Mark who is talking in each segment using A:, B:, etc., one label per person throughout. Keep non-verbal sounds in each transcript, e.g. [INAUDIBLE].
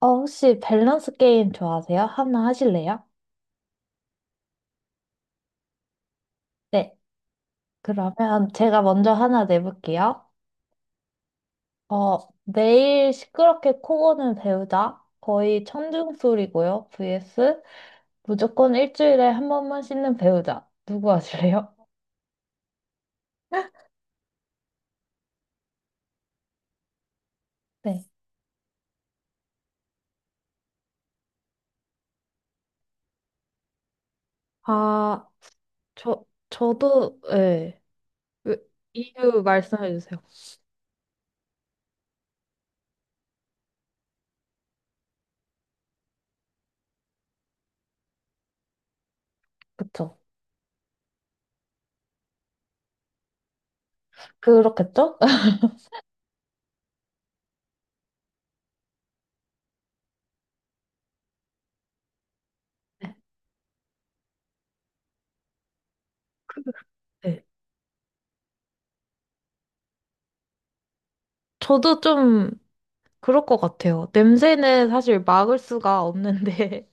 A: 혹시 밸런스 게임 좋아하세요? 하나 하실래요? 네. 그러면 제가 먼저 하나 내볼게요. 어, 매일 시끄럽게 코 고는 배우자. 거의 청중소리고요. vs 무조건 일주일에 한 번만 씻는 배우자. 누구 하실래요? [LAUGHS] 네. 아, 저, 저도, 예. 왜- 이유 말씀해 주세요. 그쵸. 그렇겠죠? [LAUGHS] 네. 그- 네. 저도 좀 그럴 것 같아요. 냄새는 사실 막을 수가 없는데,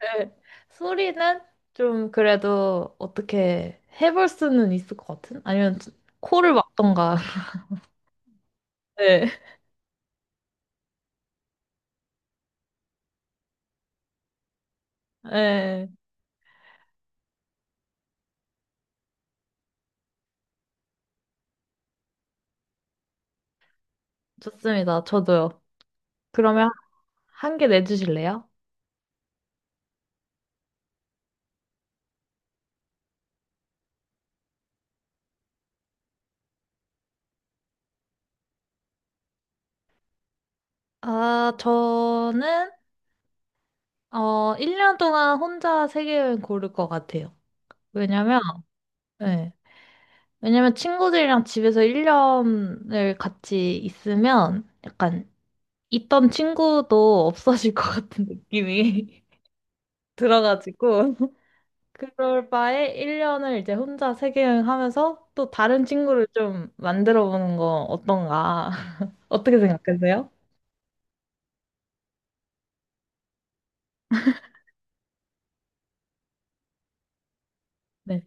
A: 네. 소리는 좀 그래도 어떻게 해볼 수는 있을 것 같은? 아니면 코를 막던가. [LAUGHS] 네. 네. 좋습니다. 저도요. 그러면 한 개 내주실래요? 아, 저는, 1년 동안 혼자 세계여행 고를 것 같아요. 왜냐면, 네. 왜냐면 친구들이랑 집에서 1년을 같이 있으면 약간 있던 친구도 없어질 것 같은 느낌이 [LAUGHS] 들어가지고. 그럴 바에 1년을 이제 혼자 세계 여행하면서 또 다른 친구를 좀 만들어 보는 거 어떤가? [LAUGHS] 어떻게 생각하세요? 네.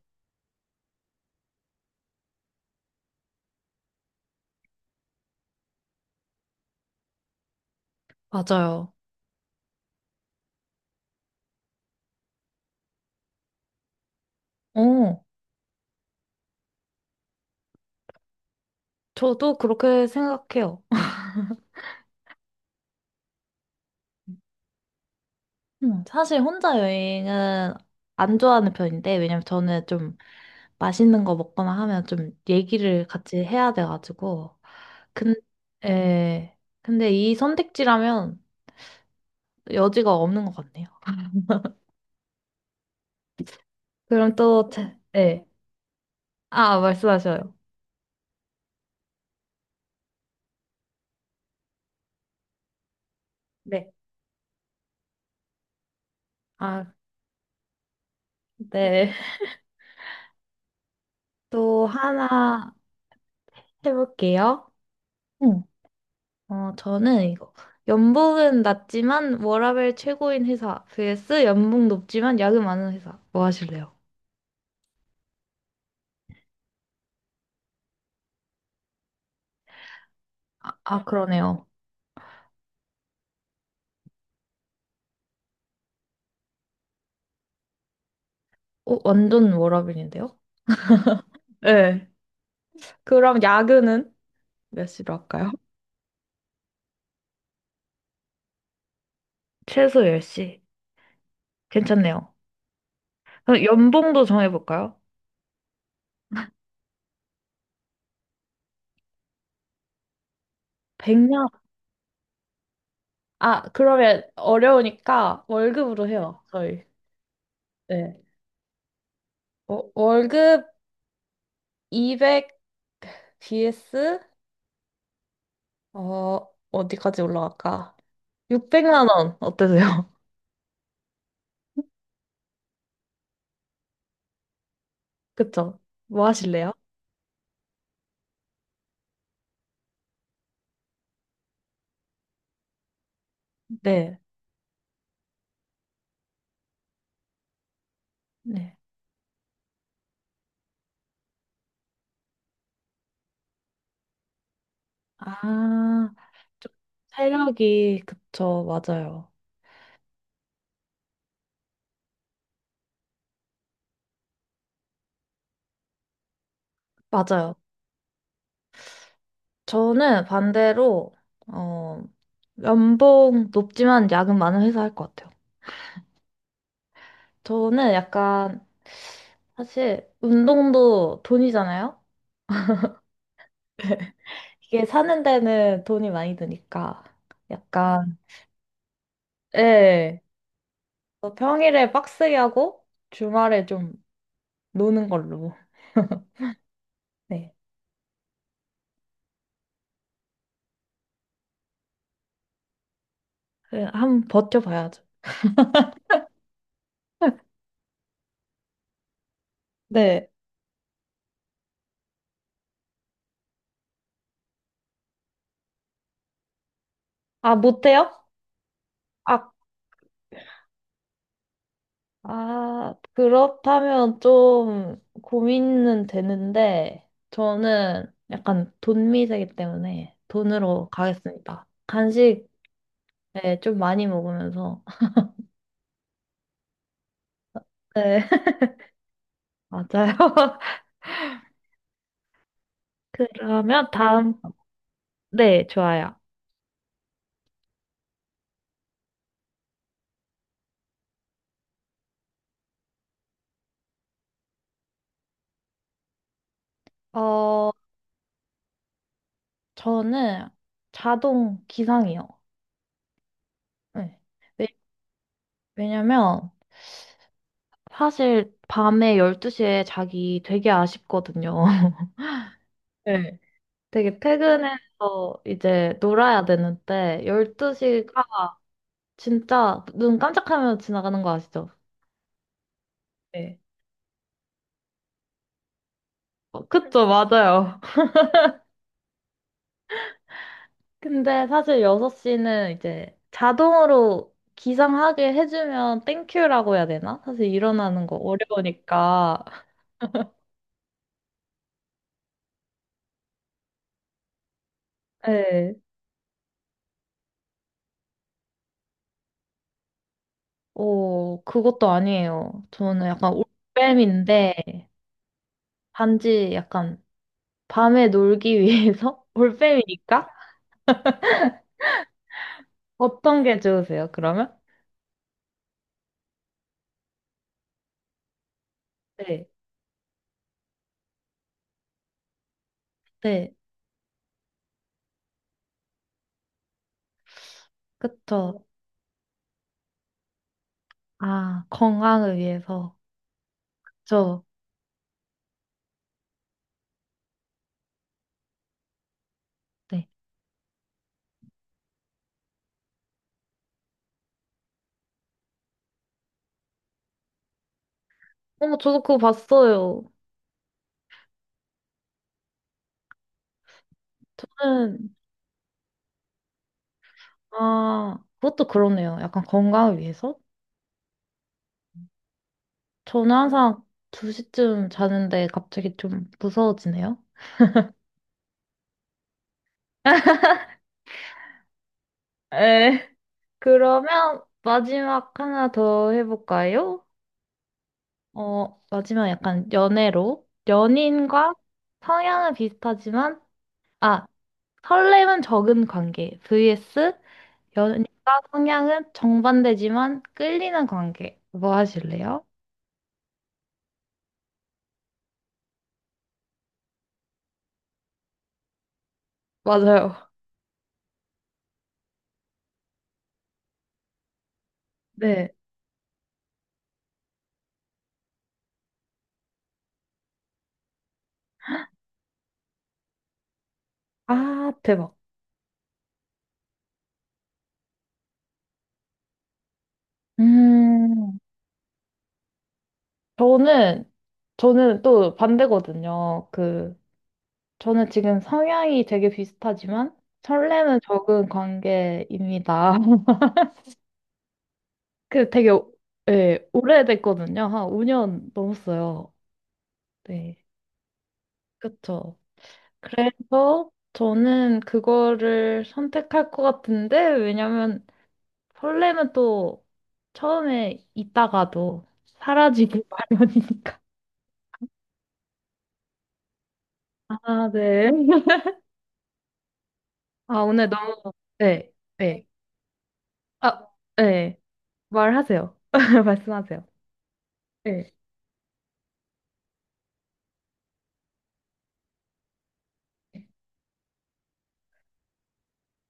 A: 맞아요. 어, 저도 그렇게 생각해요. 사실 혼자 여행은 안 좋아하는 편인데, 왜냐면 저는 좀 맛있는 거 먹거나 하면 좀 얘기를 같이 해야 돼가지고. 근, 에, 근데 이 선택지라면 여지가 없는 것 같네요. [LAUGHS] 그럼 또, 네. 아, 말씀하셔요. 네. 아, 네. [LAUGHS] 또 하나 해볼게요. 응. 저는 이거. 연봉은 낮지만 워라밸 최고인 회사 vs 연봉 높지만 야근 많은 회사. 뭐 하실래요? 아, 아, 그러네요. 완전 워라밸인데요? 네. 그럼 야근은 몇 시로 할까요? 최소 10시. 괜찮네요. 그럼 연봉도 정해볼까요? 100년. 아, 그러면 어려우니까 월급으로 해요, 저희. 네. 월급 BS 어디까지 올라갈까? 600만 원 어떠세요? [LAUGHS] 그쵸? 뭐 하실래요? 네. 네. 아, 좀 체력이 그쵸, 맞아요. 맞아요. 저는 반대로 어 연봉 높지만 야근 많은 회사 할 것 같아요. 저는 약간 사실 운동도 돈이잖아요. [LAUGHS] 이게 사는 데는 돈이 많이 드니까 약간 예. 평일에 빡세게 하고 주말에 좀 노는 걸로. 네. 그, 한번 버텨봐야죠. 네. 아, 못해요? 아, 아, 그렇다면 좀 고민은 되는데 저는 약간 돈 미세이기 때문에 돈으로 가겠습니다. 간식 네, 좀 많이 먹으면서. [LAUGHS] 네, 맞아요. [LAUGHS] 그러면 다음, 네, 좋아요. 어, 저는 자동 기상이요. 네. 왜냐면 사실 밤에 12시에 자기 되게 아쉽거든요. [LAUGHS] 네. 되게 퇴근해서 이제 놀아야 되는데 12시가 진짜 눈 깜짝하면 지나가는 거 아시죠? 네. 그쵸, 맞아요. [LAUGHS] 근데 사실 6시는 이제 자동으로 기상하게 해주면 땡큐라고 해야 되나? 사실 일어나는 거 어려우니까. 네. 그것도 아니에요. 저는 약간 올빼미인데, 단지 약간 밤에 놀기 위해서? [LAUGHS] 올빼미니까? 어떤 게 좋으세요, 그러면? 네, 네, 그쵸. 아, 건강을 위해서. 그쵸. 네. 저도 그거 봤어요. 저는, 아, 그것도 그러네요. 약간 건강을 위해서? 저는 항상 2시쯤 자는데 갑자기 좀 무서워지네요. 에, 그러면 마지막 하나 더 해볼까요? 마지막 약간 연애로. 연인과 성향은 비슷하지만 아, 설렘은 적은 관계. vs 연인과 성향은 정반대지만 끌리는 관계. 뭐 하실래요? 맞아요. 네. 아, 대박. 음, 저는, 저는 또 반대거든요. 그, 저는 지금 성향이 되게 비슷하지만 설렘은 적은 관계입니다. [LAUGHS] 그 되게, 오- 예, 오래됐거든요. 한 5년 넘었어요. 네. 그쵸. 그래서 저는 그거를 선택할 것 같은데, 왜냐면 설렘은 또 처음에 있다가도 사라지기 마련이니까. 아, 네. [LAUGHS] 아, 오늘 너무, 네, 네. 아, 네. 말하세요. [LAUGHS] 말씀하세요. 네.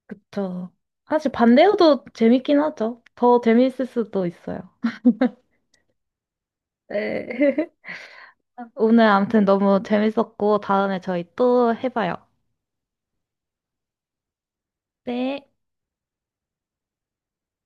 A: 그쵸. 사실 반대여도 재밌긴 하죠. 더 재밌을 수도 있어요. 네. [LAUGHS] 오늘 아무튼 너무 재밌었고, 다음에 저희 또 해봐요. 네.